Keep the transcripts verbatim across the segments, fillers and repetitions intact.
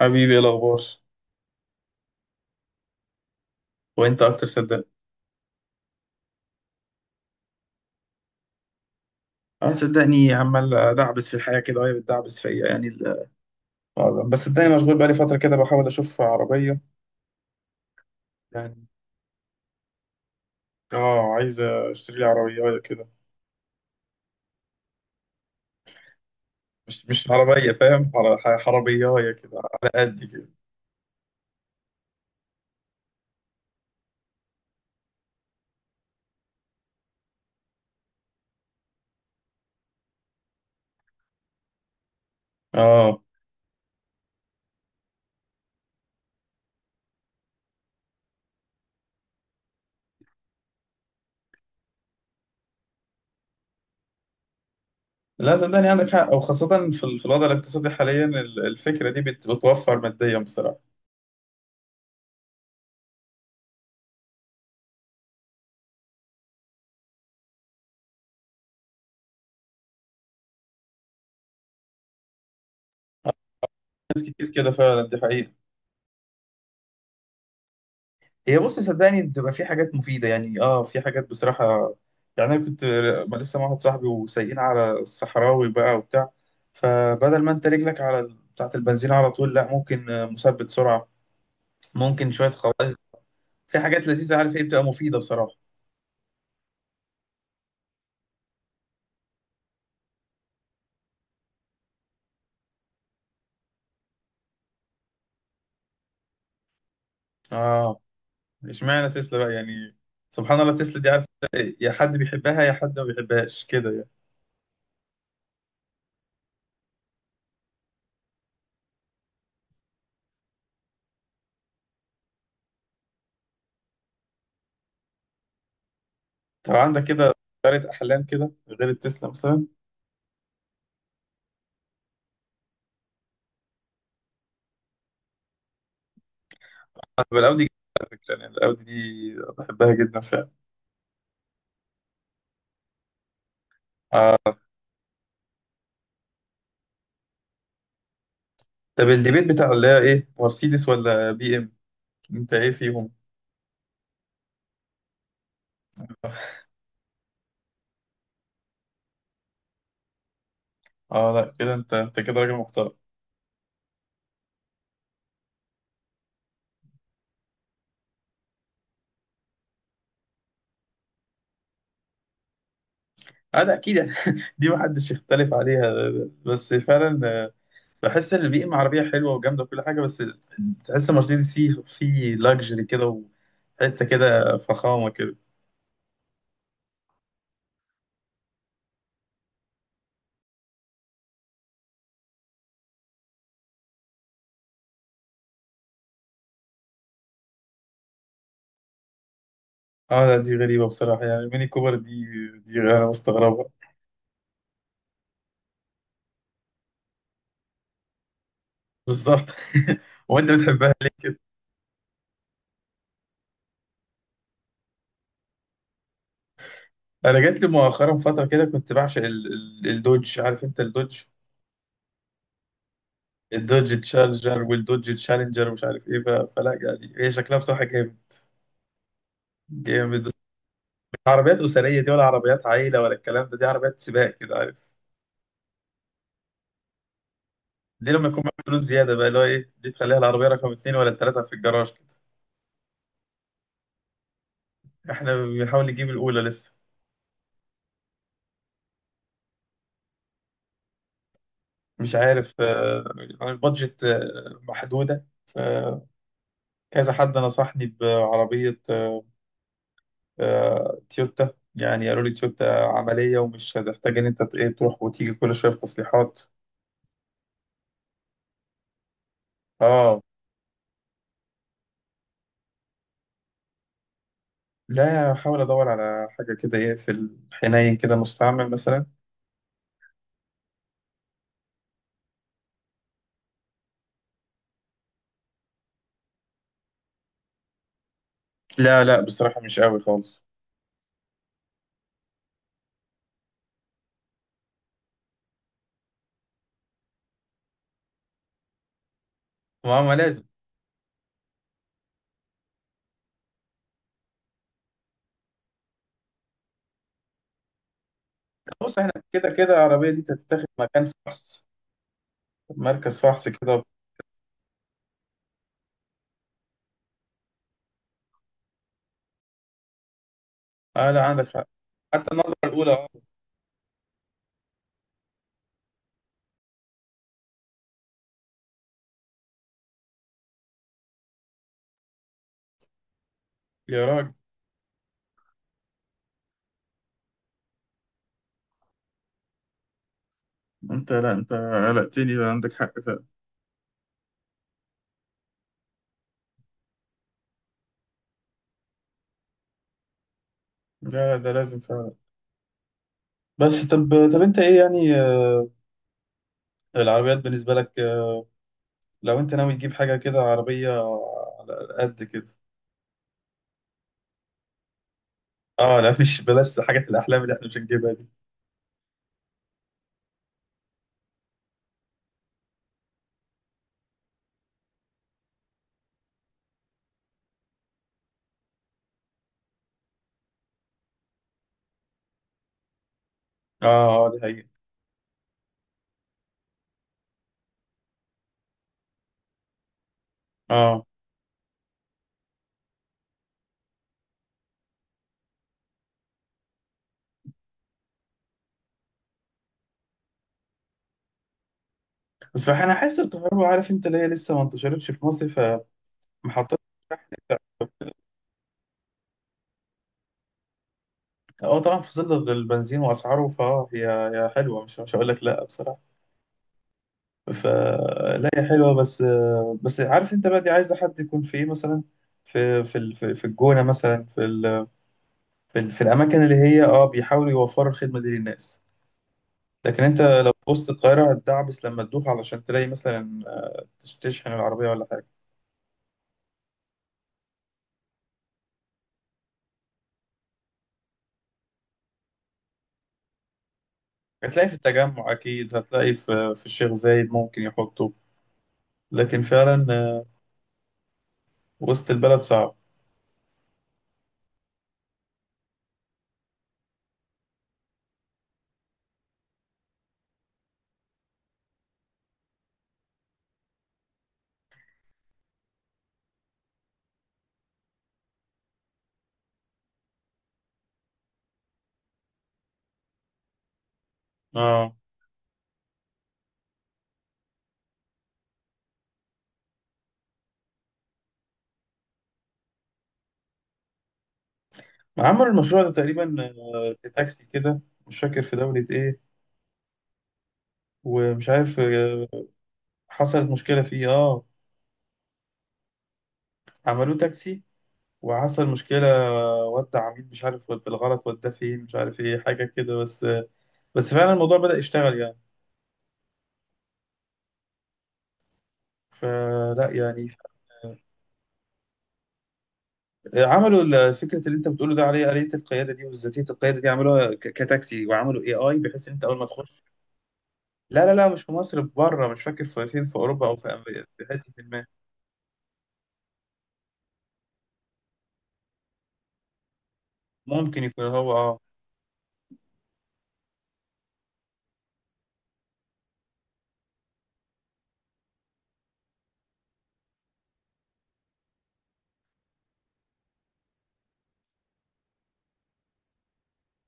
حبيبي، ايه الاخبار؟ وانت اكتر صدقني. اه صدقني عمال ادعبس في الحياه كده، وهي بتدعبس فيا يعني ال... آه، بس صدقني مشغول بقالي فتره كده بحاول اشوف عربيه. يعني اه عايز اشتري لي عربيه كده. مش مش عربيه، فاهم؟ عربيه كده على قد كده. اه لا، صدقني عندك حق، وخاصه في, ال... في الوضع الاقتصادي حاليا ال- الفكره دي بت... بتوفر ماديا بصراحه. ناس كتير كده فعلا، دي حقيقه. هي بص، صدقني بتبقى في حاجات مفيدة يعني. اه في حاجات بصراحة. يعني انا كنت، ما لسه مع واحد صاحبي وسايقين على الصحراوي بقى وبتاع. فبدل ما انت رجلك على ال- بتاعة البنزين على طول، لا، ممكن آه، مثبت سرعة، ممكن شوية خواص. في حاجات لذيذة، عارف ايه، بتبقى مفيدة بصراحة. اه اشمعنى تسلا بقى يعني؟ سبحان الله، تسلا دي عارف؟ إيه؟ يا حد بيحبها يا حد ما بيحبهاش كده يعني. طب عندك كده طيارة احلام كده غير التسلا مثلا؟ طب الاودي جميلة، على فكرة. يعني الاودي دي بحبها جدا فعلا. طب الديبيت بتاع اللي هي ايه، مرسيدس ولا بي ام؟ انت ايه فيهم؟ اه لا كده، انت انت كده راجل محترم. اه، ده اكيد. دي محدش يختلف عليها. بس فعلا آه، بحس ان البي ام عربيه حلوه وجامده وكل حاجه، بس تحس مرسيدس فيه فيه لاكجري كده، وحته كده فخامه كده. اه لا، دي غريبه بصراحه يعني. ميني كوبر دي، دي انا مستغربها. بالظبط. وانت بتحبها ليه كده؟ انا جات لي مؤخرا فتره كده كنت بعشق ال- ال- الدوج. عارف انت الدوج؟ الدوج تشالنجر، والدوج تشالنجر، ومش عارف ايه، ف- فلا يعني هي شكلها بصراحه جامد. جامد بس. مش عربيات اسريه دي ولا عربيات عائله ولا الكلام ده. دي عربيات سباق كده، عارف؟ دي لما يكون معاك فلوس زياده بقى، اللي هو ايه، دي تخليها العربيه رقم اتنين ولا التلاته في الجراج كده. احنا بنحاول نجيب الاولى لسه. مش عارف آه، يعني البادجت آه، محدوده فكذا. حد نصحني بعربيه آه، تويوتا. يعني قالوا لي تويوتا عمليه، ومش هتحتاج ان انت ت- إيه، تروح وتيجي كل شويه في تصليحات. اه لا، احاول ادور على حاجه كده، ايه، في الحنين كده مستعمل مثلا. لا لا، بصراحه مش قوي خالص. ما ما لازم. بص، احنا كده كده العربيه دي تتاخد مكان فحص، مركز فحص كده. اه لا، عندك حق. حتى النظره الاولى اه. يا راجل، انت لا انت قلقتني بقى، عندك حق فعلا. لا، ده لازم فعلا. بس طب طب انت ايه يعني آه، العربيات بالنسبه لك آه، لو انت ناوي تجيب حاجه كده عربيه على قد كده؟ اه لا، مش بلاش حاجات الاحلام اللي احنا مش هنجيبها دي. اه، اه، دي حقيقة. اه بس بح- انا حاسس الكهرباء، عارف انت، اللي هي لسه ما انتشرتش في مصر. فمحطات الشحن بتاع- اه، طبعا في ظل البنزين واسعاره، فهي هي حلوه، مش مش هقول لك لا بصراحه. فلا، هي حلوه بس. بس عارف انت بقى، دي عايزه حد يكون في ايه مثلا، في في ال- في في الجونه مثلا، في ال في, ال في الاماكن اللي هي اه بيحاولوا يوفروا الخدمه دي للناس. لكن انت لو في وسط القاهره هتدعبس لما تدوخ علشان تلاقي مثلا تش- تشحن العربيه ولا حاجه. هتلاقي في التجمع أكيد، هتلاقي في في الشيخ زايد ممكن يحطه. لكن فعلا آه، وسط البلد صعب. اه. عملوا المشروع ده تقريبا آه، في تاكسي كده. مش فاكر في دولة إيه، ومش عارف آه، حصلت مشكلة فيه اه. عملوه تاكسي، وحصل مشكلة آه، ودع عميل مش عارف ود- بالغلط، وداه فين مش عارف إيه، حاجة كده، بس آه، بس فعلا الموضوع بدأ يشتغل يعني. فلا يعني. عملوا ال- فكره اللي انت بتقوله ده، عليه آلية القياده دي وذاتيه القياده دي، عملوها ك- كتاكسي، وعملوا اي اي بحيث ان انت اول ما تخش. لا لا لا، مش في مصر، في بره. مش فاكر في فين، في اوروبا او في امريكا، في حته ما. ممكن يكون هو اه.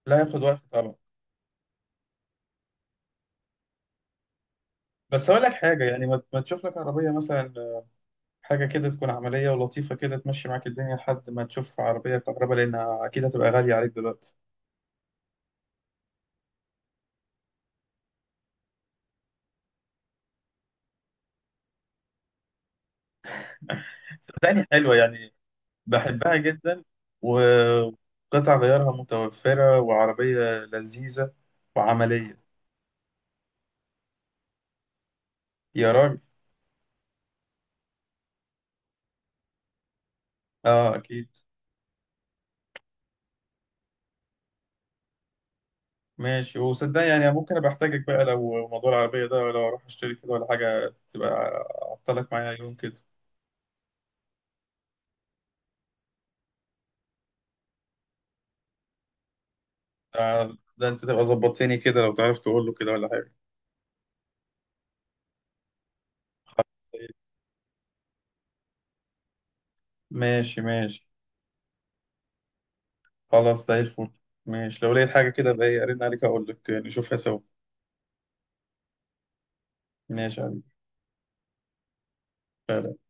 لا، ياخد وقت طبعا. بس اقول لك حاجه، يعني ما ما تشوف لك عربيه مثلا، حاجه كده تكون عمليه ولطيفه كده، تمشي معاك الدنيا لحد ما تشوف عربيه كهرباء، لانها اكيد هتبقى غاليه عليك دلوقتي. صدقني حلوه يعني. بحبها جدا، وقطع غيارها متوفرة، وعربية لذيذة وعملية. يا راجل. اه اكيد. ماشي، وصدق يعني ممكن ابقى احتاجك بقى، لو موضوع العربية ده لو اروح اشتري كده ولا حاجة، تبقى اعطلك معايا يوم كده. آه، ده انت تبقى ظبطتني كده، لو تعرف تقول له كده ولا حاجة. خلاص، ماشي ماشي. خلاص زي الفل. ماشي، لو لقيت حاجة كده بقى إيه، ارن عليك اقول لك نشوفها سوا. ماشي يا حبيبي. سلام.